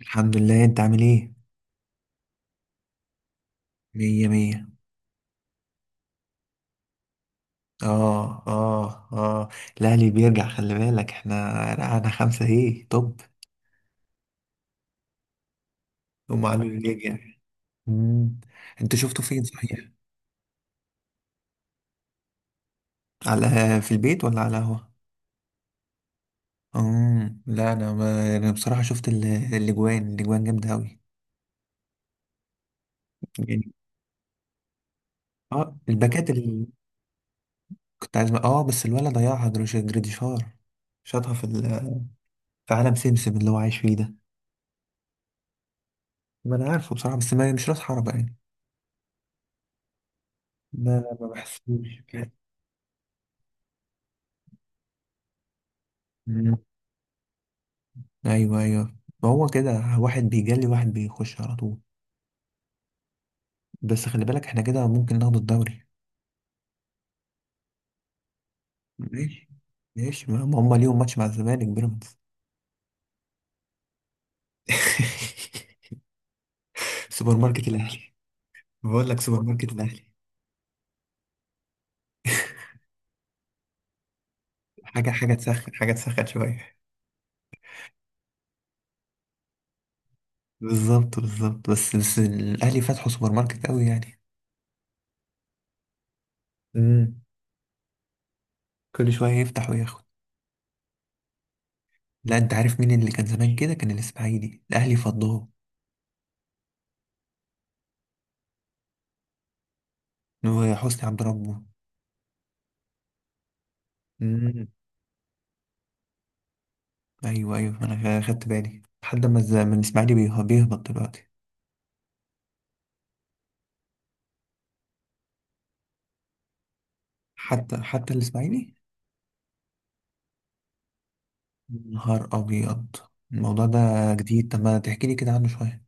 الحمد لله، انت عامل ايه؟ مية مية. اه اه اه. الاهلي بيرجع، خلي بالك احنا رقعنا 5. ايه طب، هم قالوا لي يرجع. مم. انت شفته فين صحيح؟ على، في البيت ولا على القهوة؟ لا انا ما انا بصراحة شفت الاجوان جامدة اوي. يعني، اه الباكات اللي كنت عايز، اه بس الولد ضيعها جريديشار، شاطها في في عالم سمسم اللي هو عايش فيه ده. ما انا عارفه بصراحة، بس ما مش راس حربة يعني، ما بحسوش. مم. ايوه ايوه، هو كده، واحد بيجلي واحد بيخش على طول. بس خلي بالك احنا كده ممكن ناخد الدوري. ماشي ماشي، ما ما هم ليهم ماتش مع الزمالك بيراميدز. سوبر ماركت الاهلي. بقول لك سوبر ماركت الاهلي. حاجه حاجه تسخن شويه. بالظبط بالظبط، بس الاهلي فتحوا سوبر ماركت قوي يعني. امم. كل شويه يفتح وياخد. لا، انت عارف مين اللي كان زمان كده؟ كان الاسماعيلي الاهلي فضاه، وحسني عبد ربه. ايوه ايوه، انا خدت بالي لحد ما من الاسماعيلي بيهبط دلوقتي. حتى الاسماعيلي؟ نهار ابيض، الموضوع ده جديد. طب ما تحكي لي كده عنه شويه.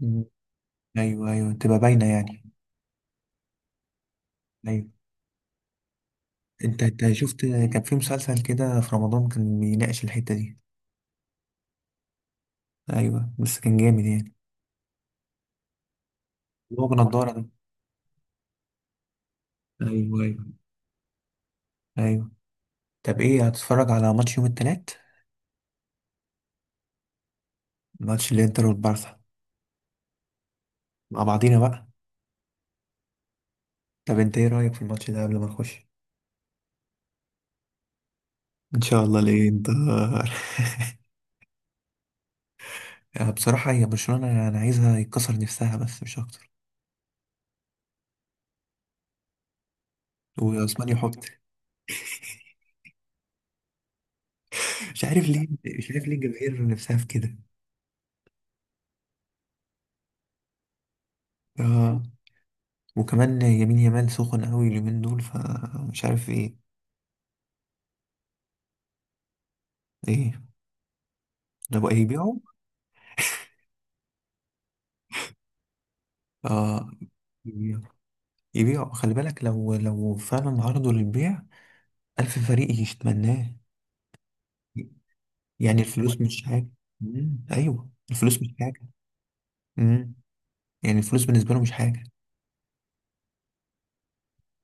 مم. ايوه ايوه، تبقى باينه يعني. ايوه، انت شفت كان في مسلسل كده في رمضان كان بيناقش الحته دي؟ ايوه، بس كان جامد يعني. اللي هو بنضاره ده. ايوه ايوه. ايوه. طب ايه، هتتفرج على ماتش يوم التلات؟ ماتش الانتر والبارسا، مع بعضينا بقى. طب انت ايه رايك في الماتش ده قبل ما نخش؟ ان شاء الله، ليه انت؟ بصراحه، هي برشلونه انا عايزها يتكسر نفسها بس مش اكتر. وعثمان يحط. مش عارف ليه، مش عارف ليه الجماهير نفسها في كده. آه. وكمان يمين يمال سخن قوي اليومين دول، فمش عارف ايه. ايه، لو هيبيعوا؟ اه يبيعوا. يبيعوا، خلي بالك لو فعلا عرضوا للبيع، ألف فريق يتمناه. يعني الفلوس مش حاجة. أيوه، الفلوس مش حاجة. مم. يعني الفلوس بالنسبة له مش حاجة.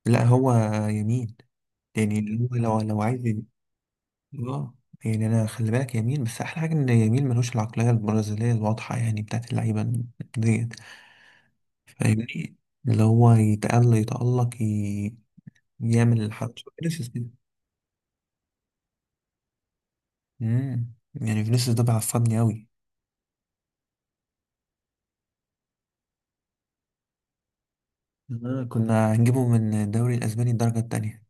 لا هو يمين، يعني اللي هو لو عايز اه. يعني انا خلي بالك يمين، بس احلى حاجه ان يمين ملوش العقليه البرازيليه الواضحه يعني بتاعت اللعيبه ديت، فاهمني؟ اللي هو يتألق يتألق يعمل الحركه فينيسيوس كده. امم، يعني فينيسيوس ده بيعصبني قوي. آه، كنا هنجيبه من الدوري الاسباني الدرجه التانية.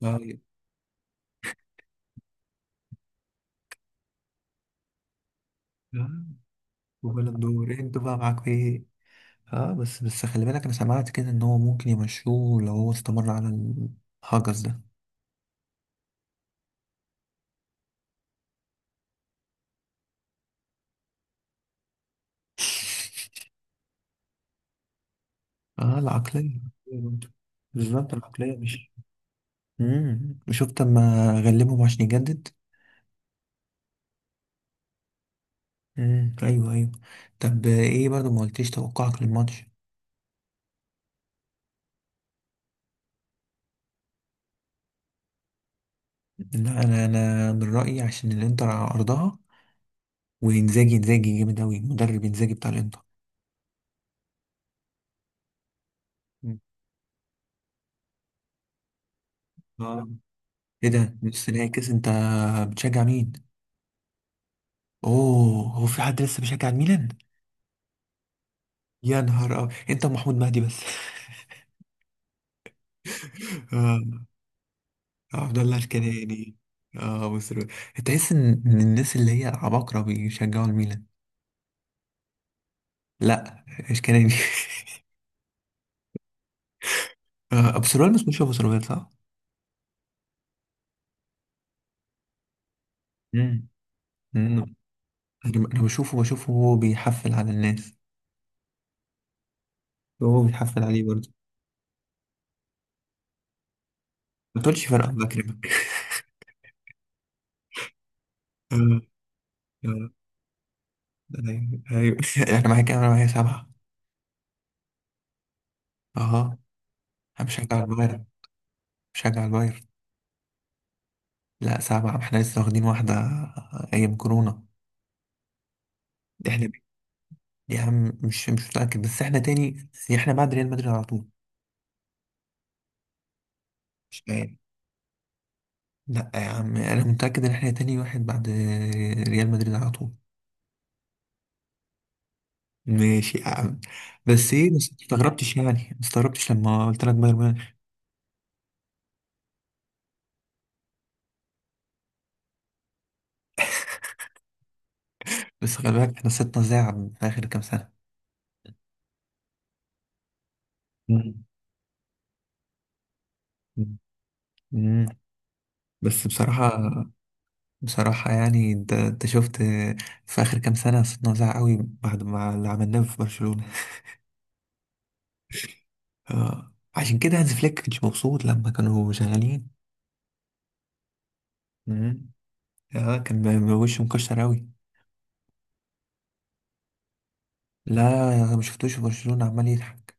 طيب. آه، وبلد دور، انتوا بقى معاكوا ايه؟ اه بس خلي بالك، انا سمعت كده ان هو ممكن يمشوه لو هو استمر على الهجس ده. اه، العقلية برضه. بالظبط، العقلية مش... وشفت اما غلبهم عشان يجدد. ايوه ايوه. طب ايه برضه، ما قلتيش توقعك للماتش. لا انا، من رأيي عشان الانتر على ارضها. انزاجي جامد اوي، مدرب انزاجي بتاع الانتر. مم. اه. ايه ده، نص نهائي كاس؟ انت بتشجع مين؟ اوه، هو في حد لسه بيشجع الميلان؟ يا نهار أبيض، انت ومحمود مهدي بس. آه. آه، عبد الله الكناني. اه مصر. تحس ان الناس اللي هي عباقرة بيشجعوا الميلان. لا، الكناني. آه، ابو سروال. بس مش ابو سروال، صح؟ مم. مم. انا بشوفه، هو بيحفل على الناس، وهو بيحفل عليه برضه. ما تقولش فرق، الله يكرمك. آه. آه. ايوه ايوه. انا معاك، انا معايا 7. اها، انا بشجع البايرن، بشجع البايرن لا سبعة، احنا لسه واخدين واحدة ايام كورونا. احنا يا عم، مش متأكد بس احنا تاني، احنا بعد ريال مدريد على طول. مش يعني. لا يا عم، انا متأكد ان احنا تاني واحد بعد ريال مدريد على طول. ماشي يا عم. بس ايه، ما استغربتش يعني، ما استغربتش لما قلت لك بايرن ميونخ. بس خلي بالك احنا سيبنا زعل في اخر كام سنة. مم. مم. مم. بس بصراحة، بصراحة يعني، انت شفت في اخر كام سنة صرنا زعل قوي بعد ما اللي عملناه في برشلونة. آه. عشان كده هانز فليك كانش مبسوط لما كانوا شغالين. مم. اه، كان وشه مكشر أوي. لا، أنا ما شفتوش في برشلونة عمال يضحك.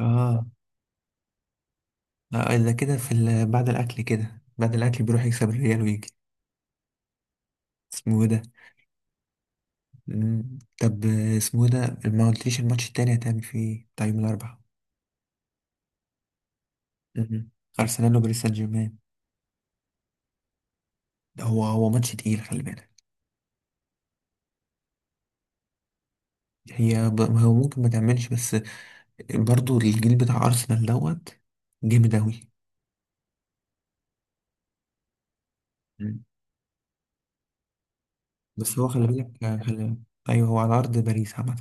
اه. لا، إلا كده بعد الأكل كده، بعد الأكل بيروح يكسب الريال ويجي. اسمه إيه ده؟ طب، آه، اسمه إيه ده؟ ما قلتليش الماتش التاني هتعمل فيه إيه بتاع يوم الأربعاء. مم. أرسنال وباريس سان جيرمان. ده هو ماتش تقيل، خلي بالك. هو ممكن ما تعملش، بس برضو الجيل بتاع أرسنال دوت جامد أوي. مم. بس هو خلي بالك، آه، أيوه، هو على أرض باريس عامة.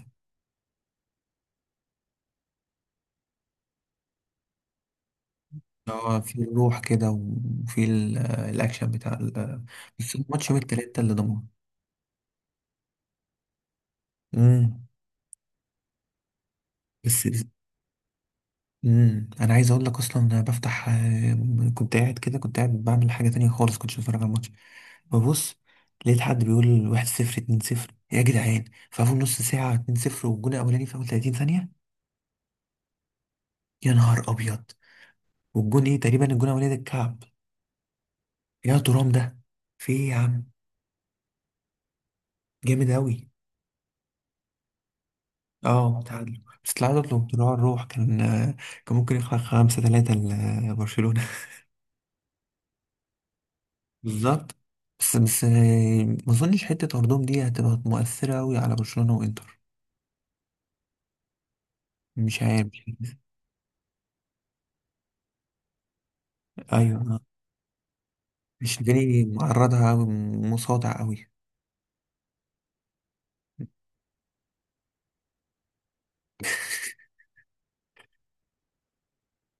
هو في الروح كده، وفي آه، الأكشن بتاع آه... بس الماتش يوم التلاتة اللي ضمنه. امم. بس امم، أنا عايز أقول لك أصلا، أنا بفتح، آه، كنت قاعد كده، كنت قاعد بعمل حاجة تانية خالص، كنتش بتفرج على الماتش. ببص، لقيت حد بيقول 1-0، اتنين صفر يا جدعان. في أول نص ساعة 2-0، والجون الأولاني في أول 30 ثانية. يا نهار أبيض. والجون إيه تقريبا، الجون الأولاني ده الكعب؟ يا ترام، ده في إيه يا عم؟ جامد أوي. اه تعادلوا. بس التعادل لو بتروح الروح، كان ممكن يخلق 5-3 لبرشلونة. بالظبط. بس ما اظنش حتة ارضهم دي هتبقى مؤثرة أوي على برشلونة وانتر. مش عارف. ايوه، مش جاني معرضها أوي، مصادع أوي.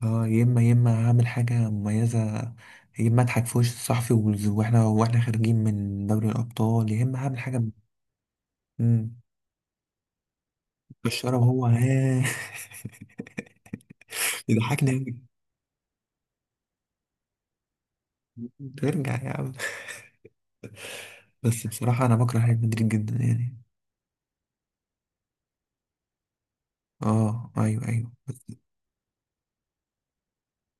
اه، يا اما هعمل حاجة مميزة، يا اما اضحك في وش الصحفي واحنا خارجين من دوري الابطال، يا اما هعمل حاجة مم. بالشرب هو ها. يضحكني أوي. ترجع يا عم. بس بصراحة أنا بكره ريال مدريد جدا يعني. اه ايوه ايوه بس,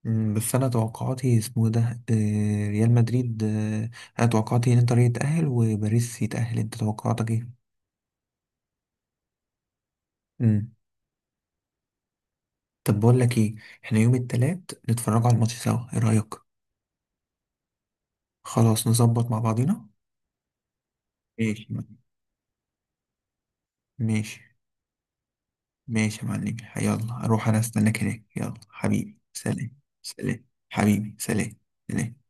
مم، بس انا توقعاتي اسمه ده، آه، ريال مدريد، آه، انا توقعاتي ان انتر يتأهل وباريس يتأهل. انت توقعاتك ايه؟ امم. طب بقول لك ايه، احنا يوم التلات نتفرجوا على الماتش سوا، ايه رأيك؟ خلاص نظبط مع بعضينا. ماشي يا معلم. ماشي. ماشي يا معلم، يلا اروح انا استناك هناك، يلا حبيبي سلام. سلام حبيبي سلام. سلام.